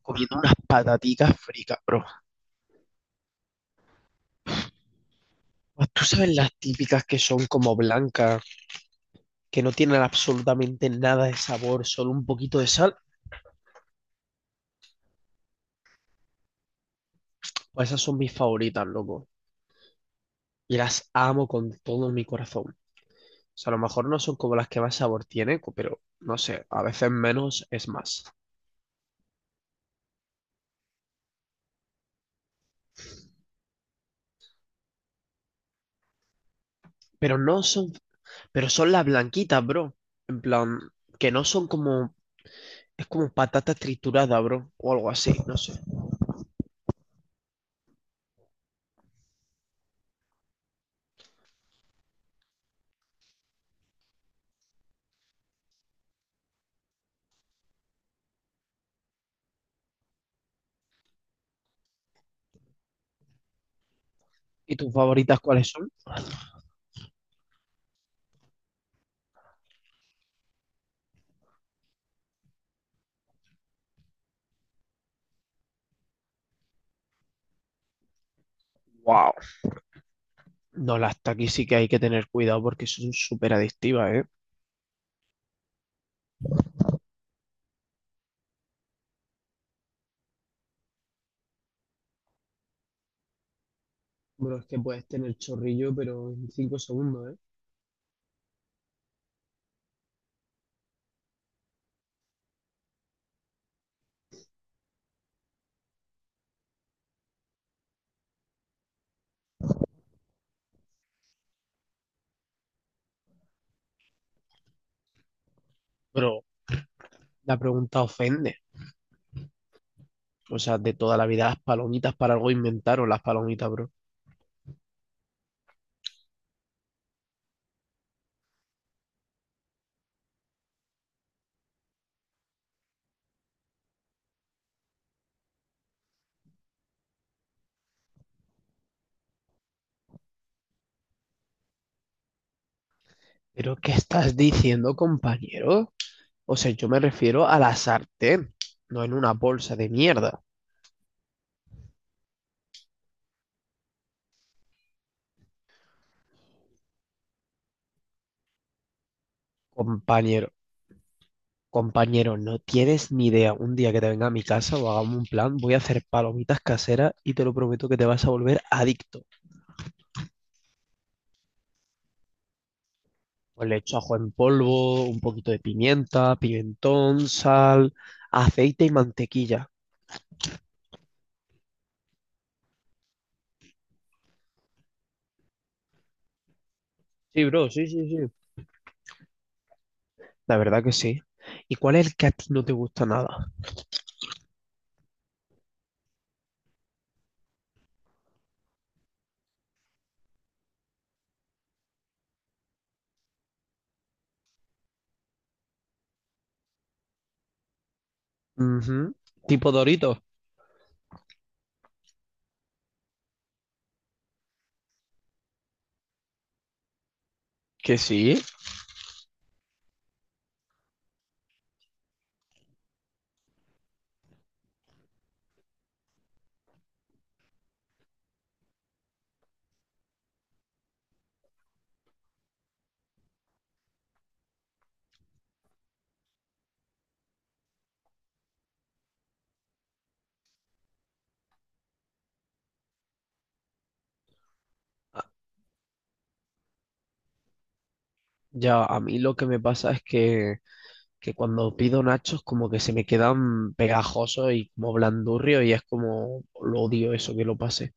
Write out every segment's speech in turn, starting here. Comiendo unas patatitas fritas, bro. Tú sabes las típicas que son como blancas, que no tienen absolutamente nada de sabor, solo un poquito de sal. Pues esas son mis favoritas, loco. Y las amo con todo mi corazón. O sea, a lo mejor no son como las que más sabor tienen, pero no sé, a veces menos es más. Pero no son, pero son las blanquitas, bro. En plan, que no son como, es como patatas trituradas, bro, o algo así, no sé. ¿Y tus favoritas cuáles son? Wow. No, las Takis sí que hay que tener cuidado porque son súper adictivas, ¿eh? Bueno, es que puedes tener chorrillo, pero en 5 segundos, ¿eh? Pero la pregunta ofende. O sea, de toda la vida las palomitas para algo inventaron las palomitas, bro. ¿Pero qué estás diciendo, compañero? O sea, yo me refiero a la sartén, no en una bolsa de mierda, compañero. Compañero, no tienes ni idea. Un día que te venga a mi casa o hagamos un plan, voy a hacer palomitas caseras y te lo prometo que te vas a volver adicto. Pues le echo ajo en polvo, un poquito de pimienta, pimentón, sal, aceite y mantequilla. Sí, bro, sí, sí, sí. La verdad que sí. ¿Y cuál es el que a ti no te gusta nada? Ujú. Tipo Doritos. Que sí. Ah, ya, a mí lo que me pasa es que cuando pido nachos como que se me quedan pegajosos y como blandurrios y es como lo odio eso que lo pase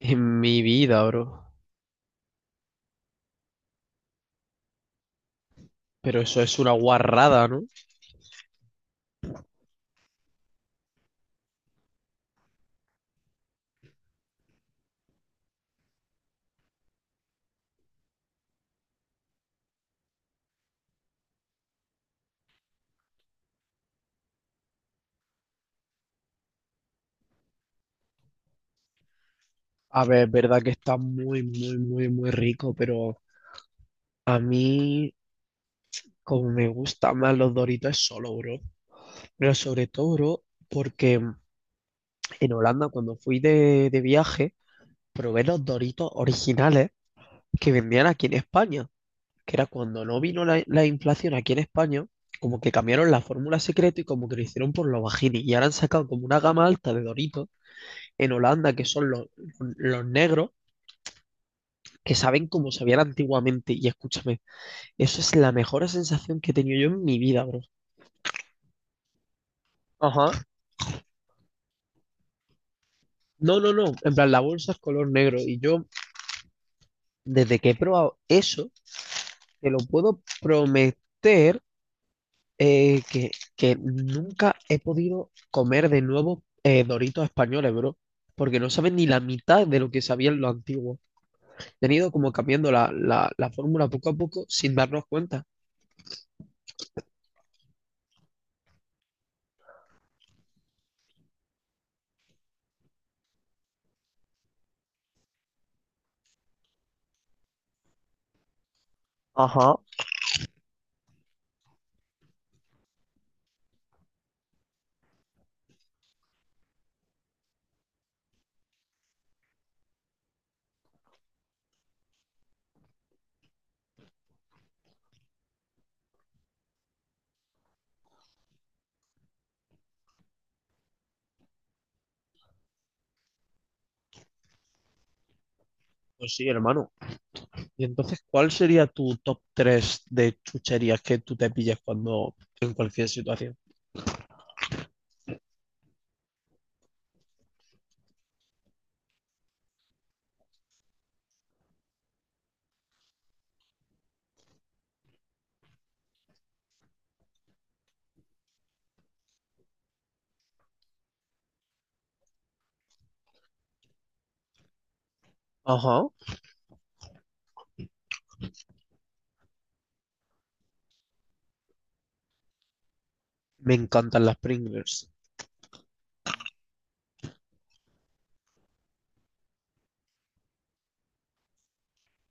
en mi vida, bro. Pero eso es una guarrada, ¿no? A ver, es verdad que está muy, muy, muy, muy rico, pero a mí como me gustan más los Doritos es solo, bro. Pero sobre todo, bro, porque en Holanda cuando fui de viaje probé los Doritos originales que vendían aquí en España, que era cuando no vino la inflación aquí en España, como que cambiaron la fórmula secreta y como que lo hicieron por los bajini. Y ahora han sacado como una gama alta de Doritos en Holanda, que son los negros, que saben cómo sabían antiguamente. Y escúchame, eso es la mejor sensación que he tenido yo en mi vida, bro. Ajá. No, no, no. En plan, la bolsa es color negro. Y yo, desde que he probado eso, te lo puedo prometer que nunca he podido comer de nuevo Doritos españoles, bro. Porque no saben ni la mitad de lo que sabían los antiguos. Han ido como cambiando la fórmula poco a poco sin darnos cuenta. Ajá. Pues sí, hermano. Y entonces, ¿cuál sería tu top 3 de chucherías que tú te pillas cuando en cualquier situación? Ajá. Me encantan las Pringles.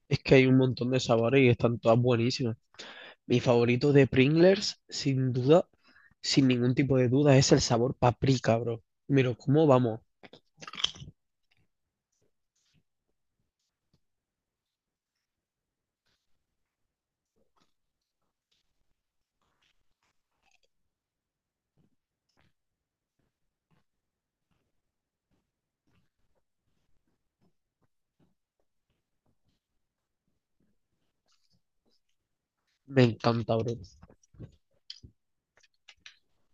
Es que hay un montón de sabores y están todas buenísimas. Mi favorito de Pringles, sin duda, sin ningún tipo de duda, es el sabor paprika, bro. Mira, ¿cómo vamos? Me encanta, bro.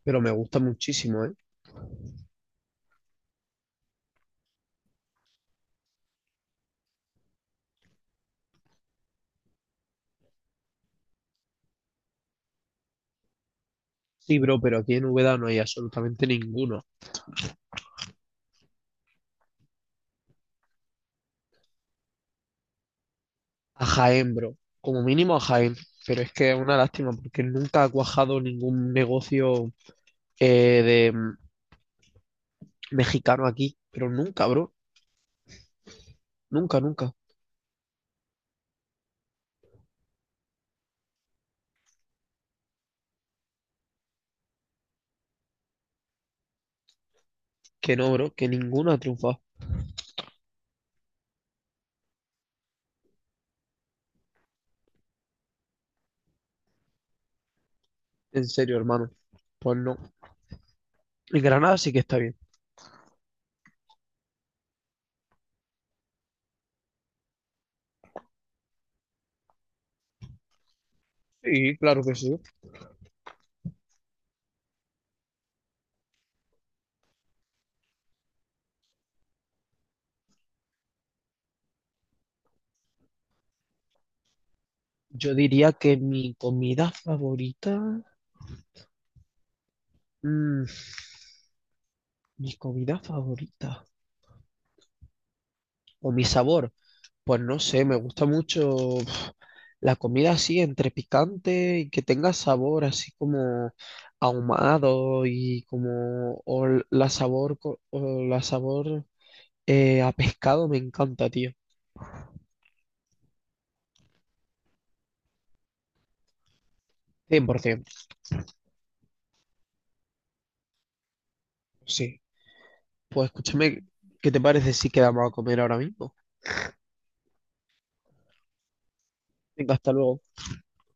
Pero me gusta muchísimo, ¿eh? Sí, bro, pero aquí en Úbeda no hay absolutamente ninguno. A Jaén, bro. Como mínimo a Jaén. Pero es que es una lástima porque nunca ha cuajado ningún negocio de mexicano aquí. Pero nunca, bro. Nunca, nunca. Que no, bro. Que ninguno ha triunfado. En serio, hermano. Pues no. En Granada sí que está bien. Sí, claro que sí. Yo diría que mi comida favorita, mm, mi comida favorita o mi sabor, pues no sé, me gusta mucho uf, la comida así entre picante y que tenga sabor así como ahumado y como o la sabor a pescado me encanta, tío. 100%, sí. Pues escúchame, ¿qué te parece si quedamos a comer ahora mismo? Venga, hasta luego.